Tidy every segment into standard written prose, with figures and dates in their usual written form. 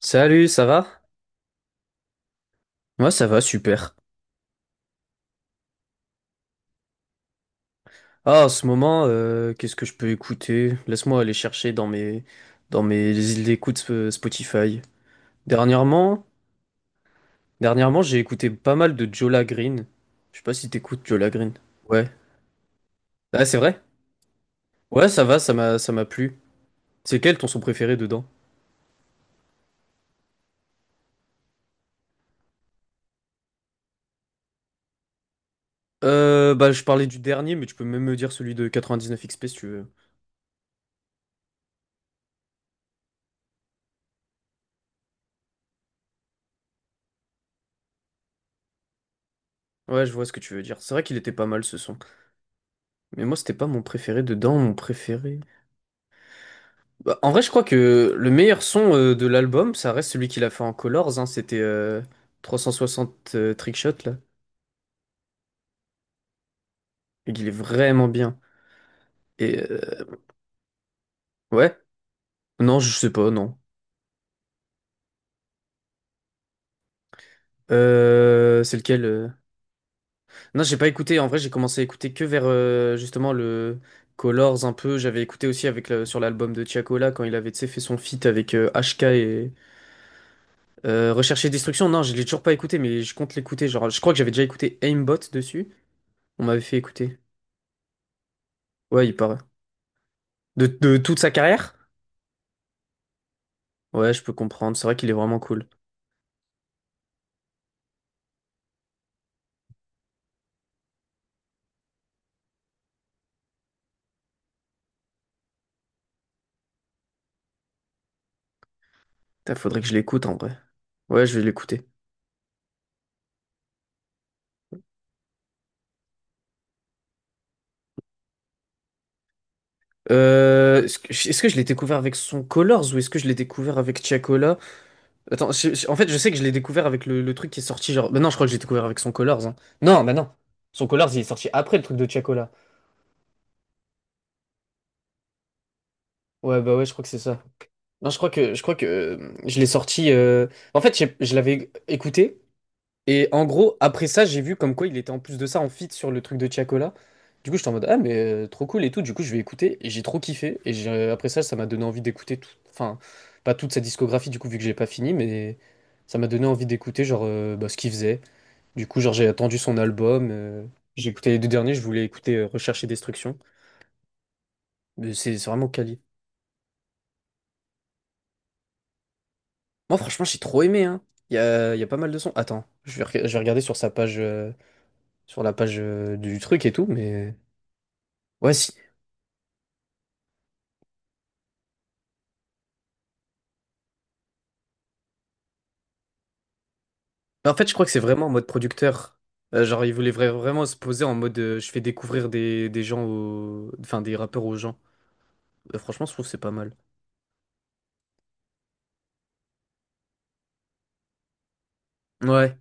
Salut, ça va? Moi, ça va, super. Ah, en ce moment, qu'est-ce que je peux écouter? Laisse-moi aller chercher dans mes îles d'écoute Spotify. Dernièrement, dernièrement, j'ai écouté pas mal de Jola Green. Je sais pas si t'écoutes Jola Green. Ouais. Ah, c'est vrai? Ouais, ça va, ça m'a plu. C'est quel ton son préféré dedans? Bah, je parlais du dernier, mais tu peux même me dire celui de 99XP si tu veux. Ouais, je vois ce que tu veux dire. C'est vrai qu'il était pas mal ce son. Mais moi, c'était pas mon préféré dedans. Mon préféré. Bah, en vrai, je crois que le meilleur son de l'album, ça reste celui qu'il a fait en Colors, hein, c'était 360 Trickshot, là, et qu'il est vraiment bien. Et ouais, non, je sais pas, non. C'est lequel? Non, j'ai pas écouté, en vrai, j'ai commencé à écouter que vers justement le Colors un peu. J'avais écouté aussi avec sur l'album de Tiakola quand il avait tu sais, fait son feat avec HK et Recherche et Destruction. Non, je l'ai toujours pas écouté, mais je compte l'écouter. Genre, je crois que j'avais déjà écouté Aimbot dessus, on m'avait fait écouter. Ouais, il paraît. De toute sa carrière? Ouais, je peux comprendre. C'est vrai qu'il est vraiment cool. Putain, faudrait que je l'écoute en vrai. Ouais, je vais l'écouter. Est-ce que je l'ai découvert avec son Colors ou est-ce que je l'ai découvert avec Tiakola? Attends, en fait, je sais que je l'ai découvert avec le truc qui est sorti genre. Bah non, je crois que j'ai découvert avec son Colors, hein. Non, bah non. Son Colors, il est sorti après le truc de Tiakola. Ouais, bah ouais, je crois que c'est ça. Non, je crois que je l'ai sorti. En fait, je l'avais écouté. Et en gros, après ça, j'ai vu comme quoi il était en plus de ça en feat sur le truc de Tiakola. Du coup, j'étais en mode, ah, mais trop cool et tout. Du coup, je vais écouter et j'ai trop kiffé. Et après ça, ça m'a donné envie d'écouter tout. Enfin, pas toute sa discographie, du coup, vu que j'ai pas fini, mais ça m'a donné envie d'écouter, genre, bah, ce qu'il faisait. Du coup, genre, j'ai attendu son album. J'ai écouté les deux derniers, je voulais écouter Recherche et Destruction. Mais c'est vraiment quali. Moi, franchement, j'ai trop aimé, hein. Il y a pas mal de sons. Attends, je vais regarder sur sa page, sur la page du truc et tout, mais. Ouais, si. Mais en fait, je crois que c'est vraiment en mode producteur. Genre, il voulait vraiment se poser en mode je fais découvrir des gens aux. Enfin, des rappeurs aux gens. Franchement, je trouve que c'est pas mal. Ouais,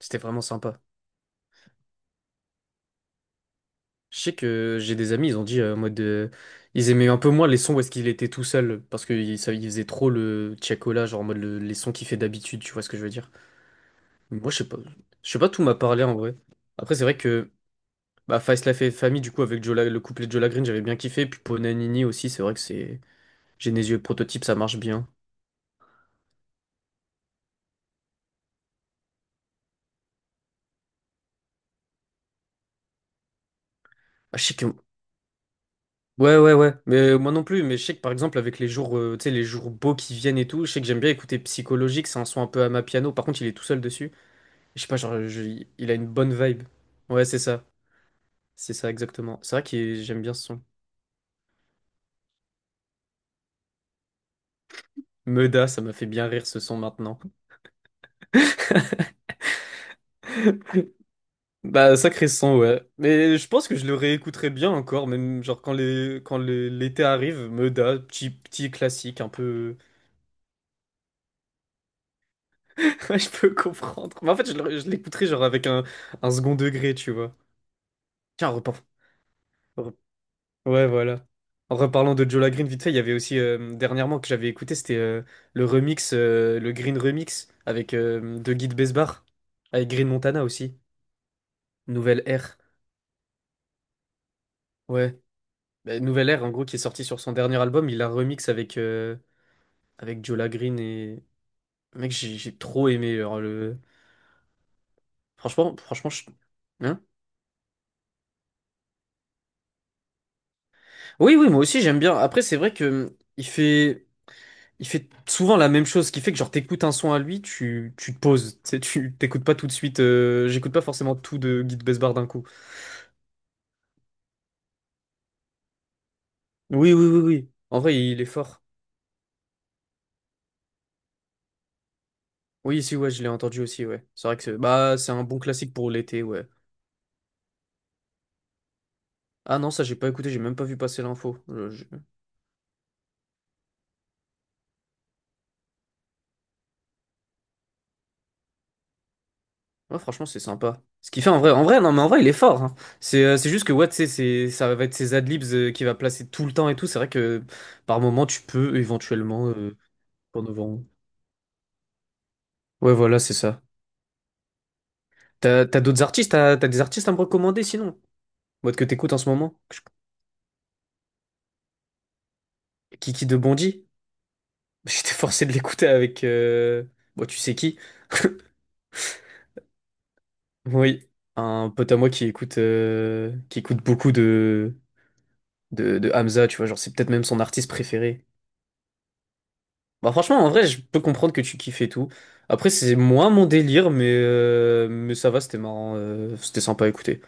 c'était vraiment sympa. Je sais que j'ai des amis, ils ont dit en mode. Ils aimaient un peu moins les sons où est-ce qu'il était tout seul. Parce qu'ils faisaient trop le tchakola, genre en mode les sons qu'il fait d'habitude, tu vois ce que je veux dire. Mais moi, je sais pas. Je sais pas, tout m'a parlé en vrai. Après, c'est vrai que. Bah, Faïs la fait famille, du coup, avec Jola, le couplet de Jola Green, j'avais bien kiffé. Puis Ponanini aussi, c'est vrai que c'est. Genesio et prototype, ça marche bien. Ah, je sais que. Ouais, ouais, ouais. Mais moi non plus. Mais je sais que par exemple, avec les jours, tu sais, les jours beaux qui viennent et tout, je sais que j'aime bien écouter Psychologique. C'est un son un peu à ma piano. Par contre, il est tout seul dessus. Je sais pas, genre, il a une bonne vibe. Ouais, c'est ça. C'est ça, exactement. C'est vrai que j'aime bien ce son. Meuda, ça m'a fait bien rire ce son maintenant. Bah, sacré son, ouais. Mais je pense que je le réécouterai bien encore, même genre quand l'été arrive, Meuda, petit petit classique, un peu. Ouais, je peux comprendre. Mais en fait, je l'écouterai genre avec un second degré, tu vois. Tiens, re- ouais, voilà. En reparlant de Jola Green, vite fait, il y avait aussi dernièrement que j'avais écouté, c'était le remix, le Green Remix avec de Guy de Besbar, avec Green Montana aussi. Nouvelle Ère. Ouais. Bah, Nouvelle Ère, en gros, qui est sorti sur son dernier album, il a remix avec Jola Green et. Mec, j'ai trop aimé. Genre, Franchement, hein, oui, oui, moi aussi j'aime bien. Après, c'est vrai que il fait. Il fait souvent la même chose, ce qui fait que genre t'écoutes un son à lui, tu te poses, tu sais, tu t'écoutes pas tout de suite, j'écoute pas forcément tout de Guy de Besbar d'un coup. Oui, oui, oui, oui. En vrai, il est fort. Oui, si, ouais, je l'ai entendu aussi, ouais. C'est vrai que c'est bah, c'est un bon classique pour l'été, ouais. Ah non, ça j'ai pas écouté, j'ai même pas vu passer l'info. Ouais, franchement, c'est sympa. Ce qu'il fait en vrai, non, mais en vrai, il est fort, hein. C'est c'est juste que, ouais, tu sais, ça va être ses adlibs qu'il va placer tout le temps et tout. C'est vrai que par moment, tu peux éventuellement en novembre. Ouais, voilà, c'est ça. T'as d'autres artistes, des artistes à me recommander sinon? Mode que t'écoutes en ce moment? Kiki de Bondy? J'étais forcé de l'écouter avec. Bon, tu sais qui? Oui, un pote à moi qui écoute beaucoup de Hamza, tu vois, genre c'est peut-être même son artiste préféré. Bah franchement, en vrai, je peux comprendre que tu kiffes et tout. Après, c'est moins mon délire, mais ça va, c'était marrant, c'était sympa à écouter.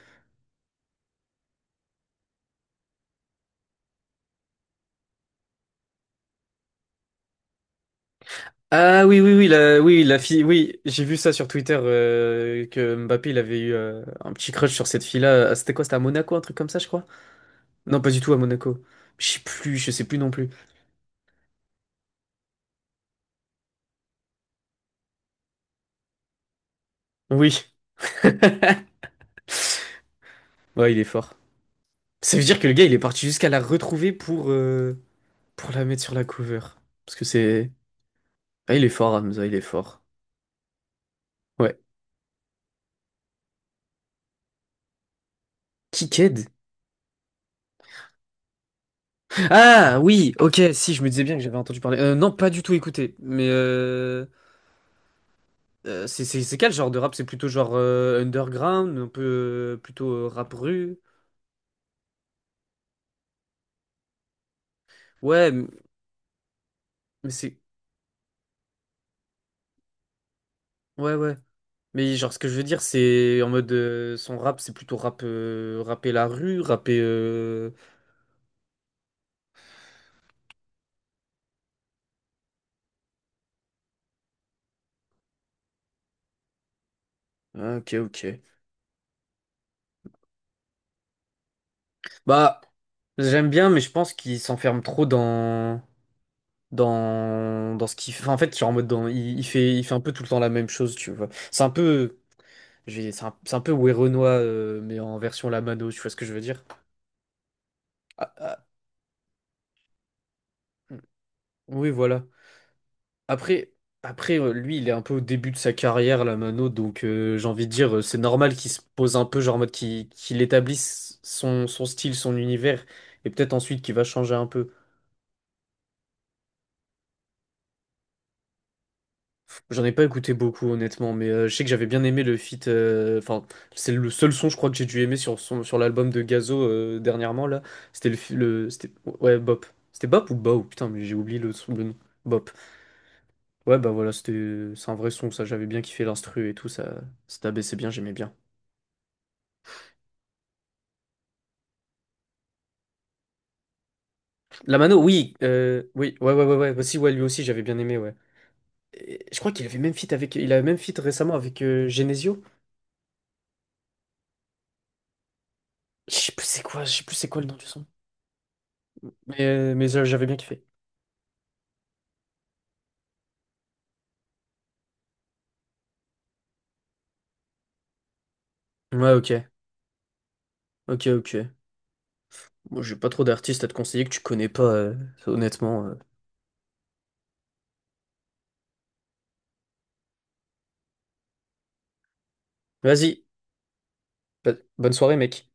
Ah oui, oui, oui, la, oui, la fille, oui, j'ai vu ça sur Twitter que Mbappé il avait eu un petit crush sur cette fille-là. Ah, c'était quoi? C'était à Monaco, un truc comme ça, je crois? Non, pas du tout à Monaco. Je sais plus non plus. Oui, ouais, il est fort. Ça veut dire que le gars il est parti jusqu'à la retrouver pour la mettre sur la cover. Parce que c'est. Ah, il est fort, Hamza, il est fort. Ouais. Kiked? Ah oui, ok, si, je me disais bien que j'avais entendu parler. Non, pas du tout écouté, mais. C'est quel genre de rap? C'est plutôt genre underground, un peu plutôt rap rue. Ouais, mais c'est ouais ouais. Mais genre ce que je veux dire c'est en mode son rap c'est plutôt rap rapper la rue, rapper OK OK. Bah j'aime bien mais je pense qu'il s'enferme trop dans ce qu'il fait. Enfin, en fait, genre en mode dans il fait un peu tout le temps la même chose, tu vois. C'est un peu c'est un peu Werenoi mais en version La Mano, tu vois ce que je veux dire? Ah, ah, oui, voilà. Après, après, lui, il est un peu au début de sa carrière, là, Mano, donc j'ai envie de dire, c'est normal qu'il se pose un peu, genre en mode qu'il établisse son style, son univers, et peut-être ensuite qu'il va changer un peu. J'en ai pas écouté beaucoup, honnêtement, mais je sais que j'avais bien aimé le feat. Enfin, c'est le seul son, je crois, que j'ai dû aimer sur l'album de Gazo dernièrement, là. C'était le, fi- le c'était, ouais, Bop. C'était Bop ou Bao? Putain, mais j'ai oublié le nom. Bop. Ouais, bah voilà, c'était, c'est un vrai son, ça, j'avais bien kiffé l'instru et tout, ça abaissait bien, j'aimais bien. La Mano, oui, oui, ouais, ouais, ouais, ouais, aussi, ouais, lui aussi, j'avais bien aimé, ouais. Et je crois qu'il avait même feat avec, il avait même feat récemment avec Genesio. Je sais plus c'est quoi, je sais plus c'est quoi le nom du son. Mais, j'avais bien kiffé. Ouais, ok, ok, ok. Moi, j'ai pas trop d'artistes à te conseiller que tu connais pas, honnêtement. Vas-y, bah, bonne soirée, mec.